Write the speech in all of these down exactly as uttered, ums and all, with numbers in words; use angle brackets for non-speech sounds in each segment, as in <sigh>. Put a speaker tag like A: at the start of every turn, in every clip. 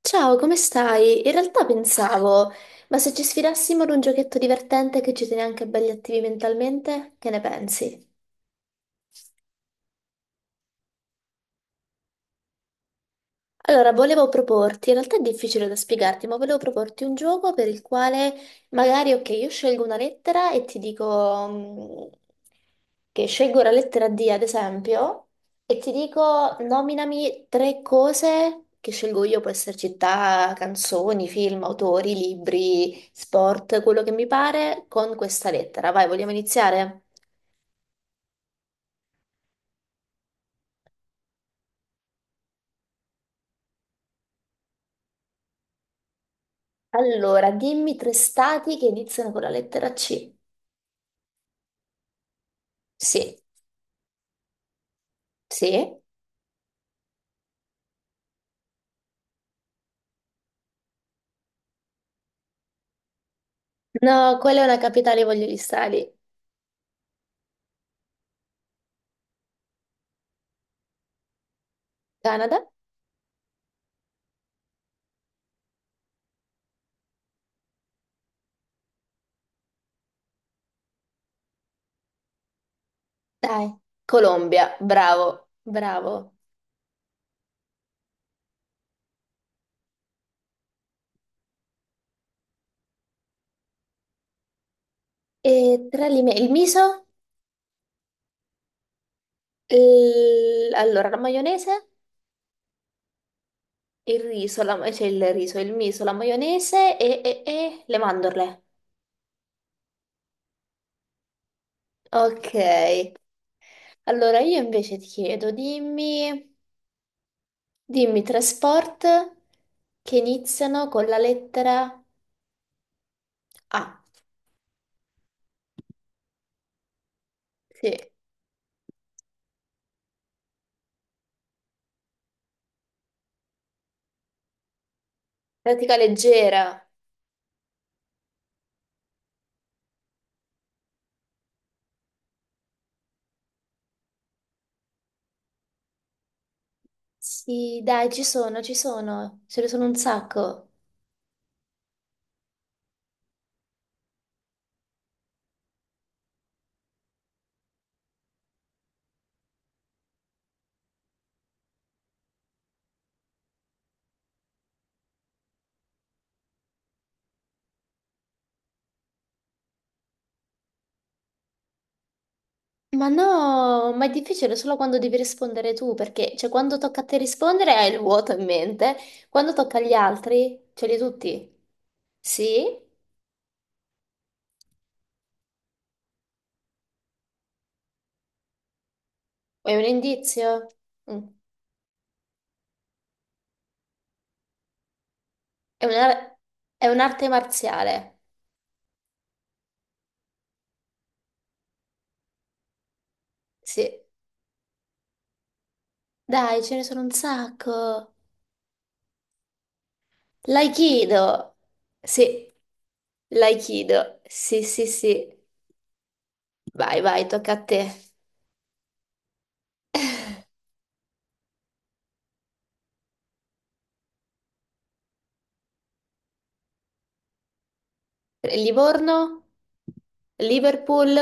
A: Ciao, come stai? In realtà pensavo, ma se ci sfidassimo ad un giochetto divertente che ci tiene anche belli attivi mentalmente, che ne pensi? Allora, volevo proporti, in realtà è difficile da spiegarti, ma volevo proporti un gioco per il quale magari, ok, io scelgo una lettera e ti dico mm, che scelgo la lettera D, ad esempio, e ti dico nominami tre cose che scelgo io, può essere città, canzoni, film, autori, libri, sport, quello che mi pare, con questa lettera. Vai, vogliamo iniziare? Allora, dimmi tre stati che iniziano con la lettera C. Sì, sì. No, quella è una capitale, voglio restare lì. Canada? Dai. Colombia, bravo, bravo. E tra le mie- il miso, il- allora la maionese, il riso, la... ma- cioè il riso, il miso, la maionese e, e- e le mandorle. Ok, allora io invece ti chiedo, dimmi, dimmi tre sport che iniziano con la lettera A. Sì, pratica leggera. Sì, dai, ci sono, ci sono, ce ne sono un sacco. Ma no, ma è difficile solo quando devi rispondere tu, perché cioè, quando tocca a te rispondere hai il vuoto in mente, quando tocca agli altri ce li hai tutti. Sì? È un indizio? Mm. È una- è un'arte marziale. Sì. Dai, ce ne sono un sacco. L'aikido. Sì, l'aikido. Sì, sì, sì. Vai, vai, tocca a te. Livorno, Liverpool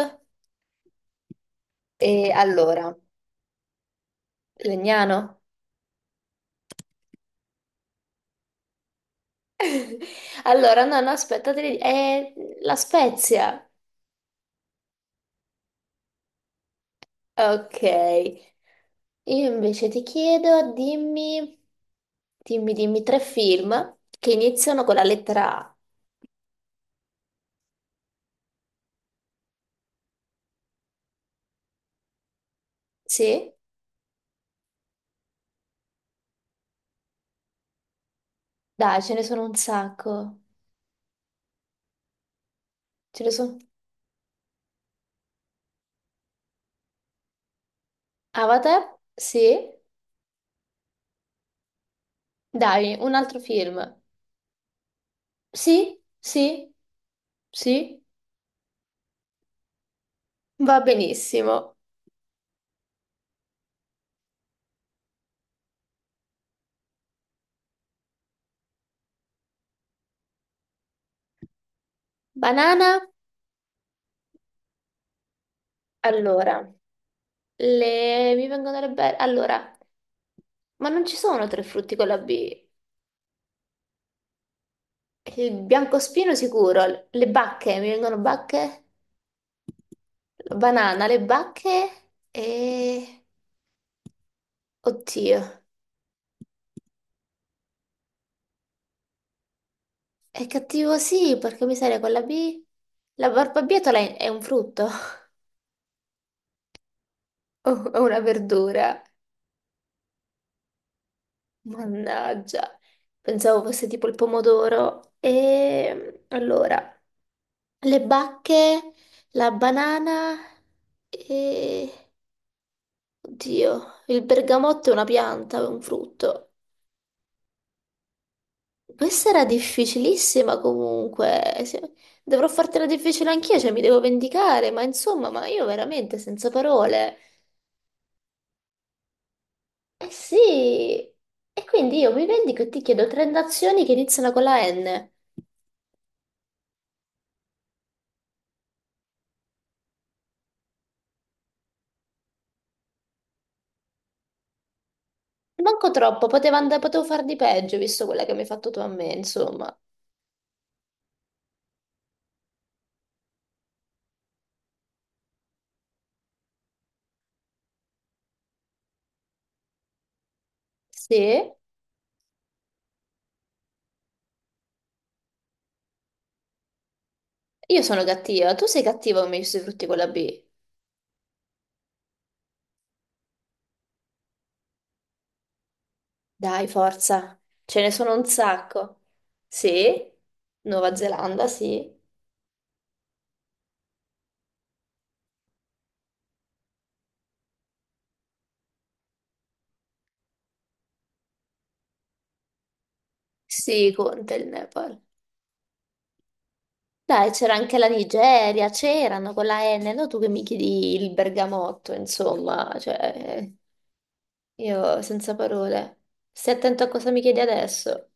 A: e allora, Legnano. <laughs> Allora, no, no, aspetta, te le- è la Spezia. Ok, io invece ti chiedo, dimmi, dimmi, dimmi tre film che iniziano con la lettera A. Sì? Dai, ce ne sono un sacco. Ce ne sono. Avatar? Sì? Dai, un altro film. Sì? Sì? Sì? Va benissimo. Banana? Allora, le... mi vengono le belle... Allora, ma non ci sono tre frutti con la B. Il biancospino sicuro, le bacche, mi vengono bacche, la banana, le bacche e... Oddio, è cattivo sì, perché miseria con la B. La barbabietola è è un frutto, <laughs> o è una verdura. Mannaggia, pensavo fosse tipo il pomodoro. E allora, le bacche, la banana e... Oddio, il bergamotto è una pianta, è un frutto. Questa era difficilissima comunque. Sì, dovrò fartela difficile anch'io, cioè mi devo vendicare, ma insomma, ma io veramente senza parole. Eh sì, e quindi io mi vendico e ti chiedo tre nazioni che iniziano con la N. Manco troppo, poteva and- potevo far di peggio, visto quella che mi hai fatto tu a me, insomma. Sì, io sono cattiva, tu sei cattiva come i frutti con la B. Dai, forza, ce ne sono un sacco. Sì, Nuova Zelanda, sì. Sì, conta il Nepal. Dai, c'era anche la Nigeria, c'erano con la N, no? Tu che mi chiedi il bergamotto, insomma, cioè, io senza parole. Stai attento a cosa mi chiedi adesso.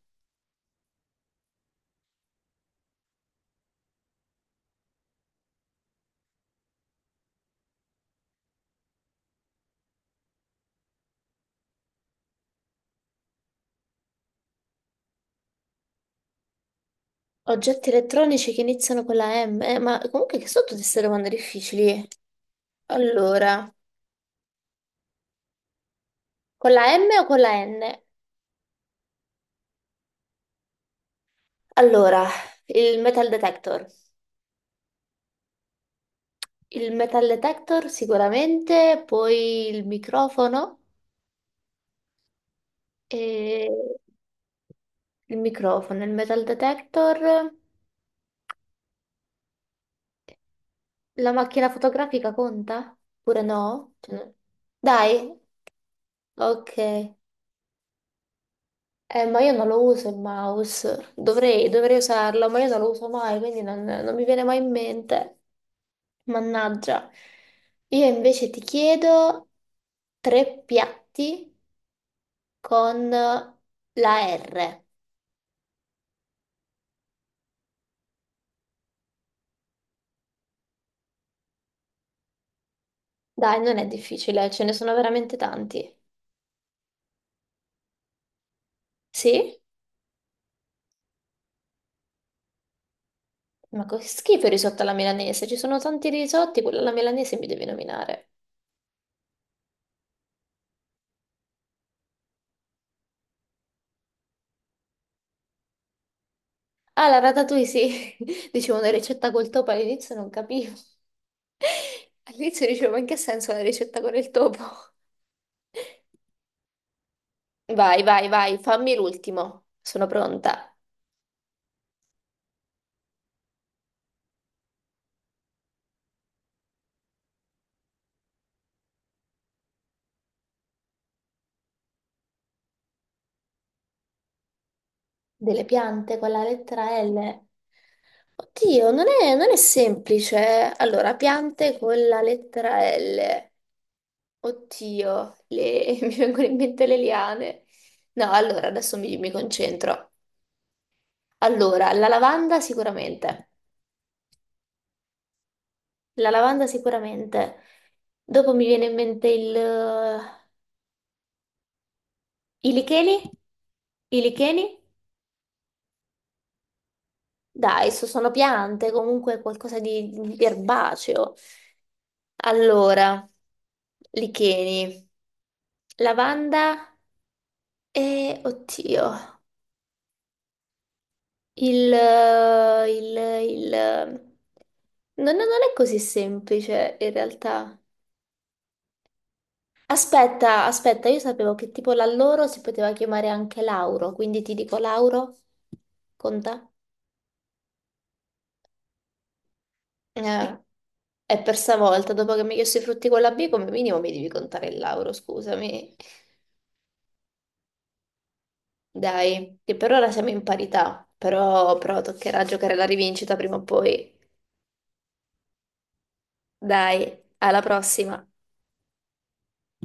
A: Oggetti elettronici che iniziano con la M, eh, ma comunque che sono tutte queste domande difficili. Allora, con la M o con la N? Allora, il metal detector. Il metal detector sicuramente, poi il microfono e... Il microfono, il metal detector, la macchina fotografica conta? Oppure no? Cioè, no- Dai, ok. Eh, ma io non lo uso il mouse. Dovrei, dovrei usarlo, ma io non lo uso mai, quindi non, non mi viene mai in mente. Mannaggia. Io invece ti chiedo tre piatti con la R. Dai, non è difficile, ce ne sono veramente tanti. Sì? Ma che schifo il risotto alla milanese, ci sono tanti risotti, quello alla milanese mi devi nominare. Ah, la ratatouille sì, <laughs> dicevo una ricetta col topo all'inizio non capivo. All'inizio dicevo, ma in che senso la ricetta con il topo? Vai, vai, vai, fammi l'ultimo, sono pronta. Delle piante con la lettera L. Oddio, non è, non è semplice. Allora, piante con la lettera L. Oddio, le- <laughs> mi vengono in mente le liane. No, allora adesso mi mi concentro. Allora, la lavanda sicuramente, la lavanda sicuramente. Dopo mi viene in mente il... i licheni? I licheni? Dai, so- sono piante, comunque qualcosa di, di erbaceo. Allora, licheni, lavanda e, oddio, il... il... il... No, no, non è così semplice in realtà. Aspetta, aspetta, io sapevo che tipo la loro si poteva chiamare anche Lauro, quindi ti dico Lauro, conta? Eh, è per stavolta, dopo che mi hai chiesto i frutti con la B, come minimo mi devi contare il Lauro, scusami. Dai, che per ora siamo in parità, però, però toccherà giocare la rivincita prima o poi. Dai, alla prossima.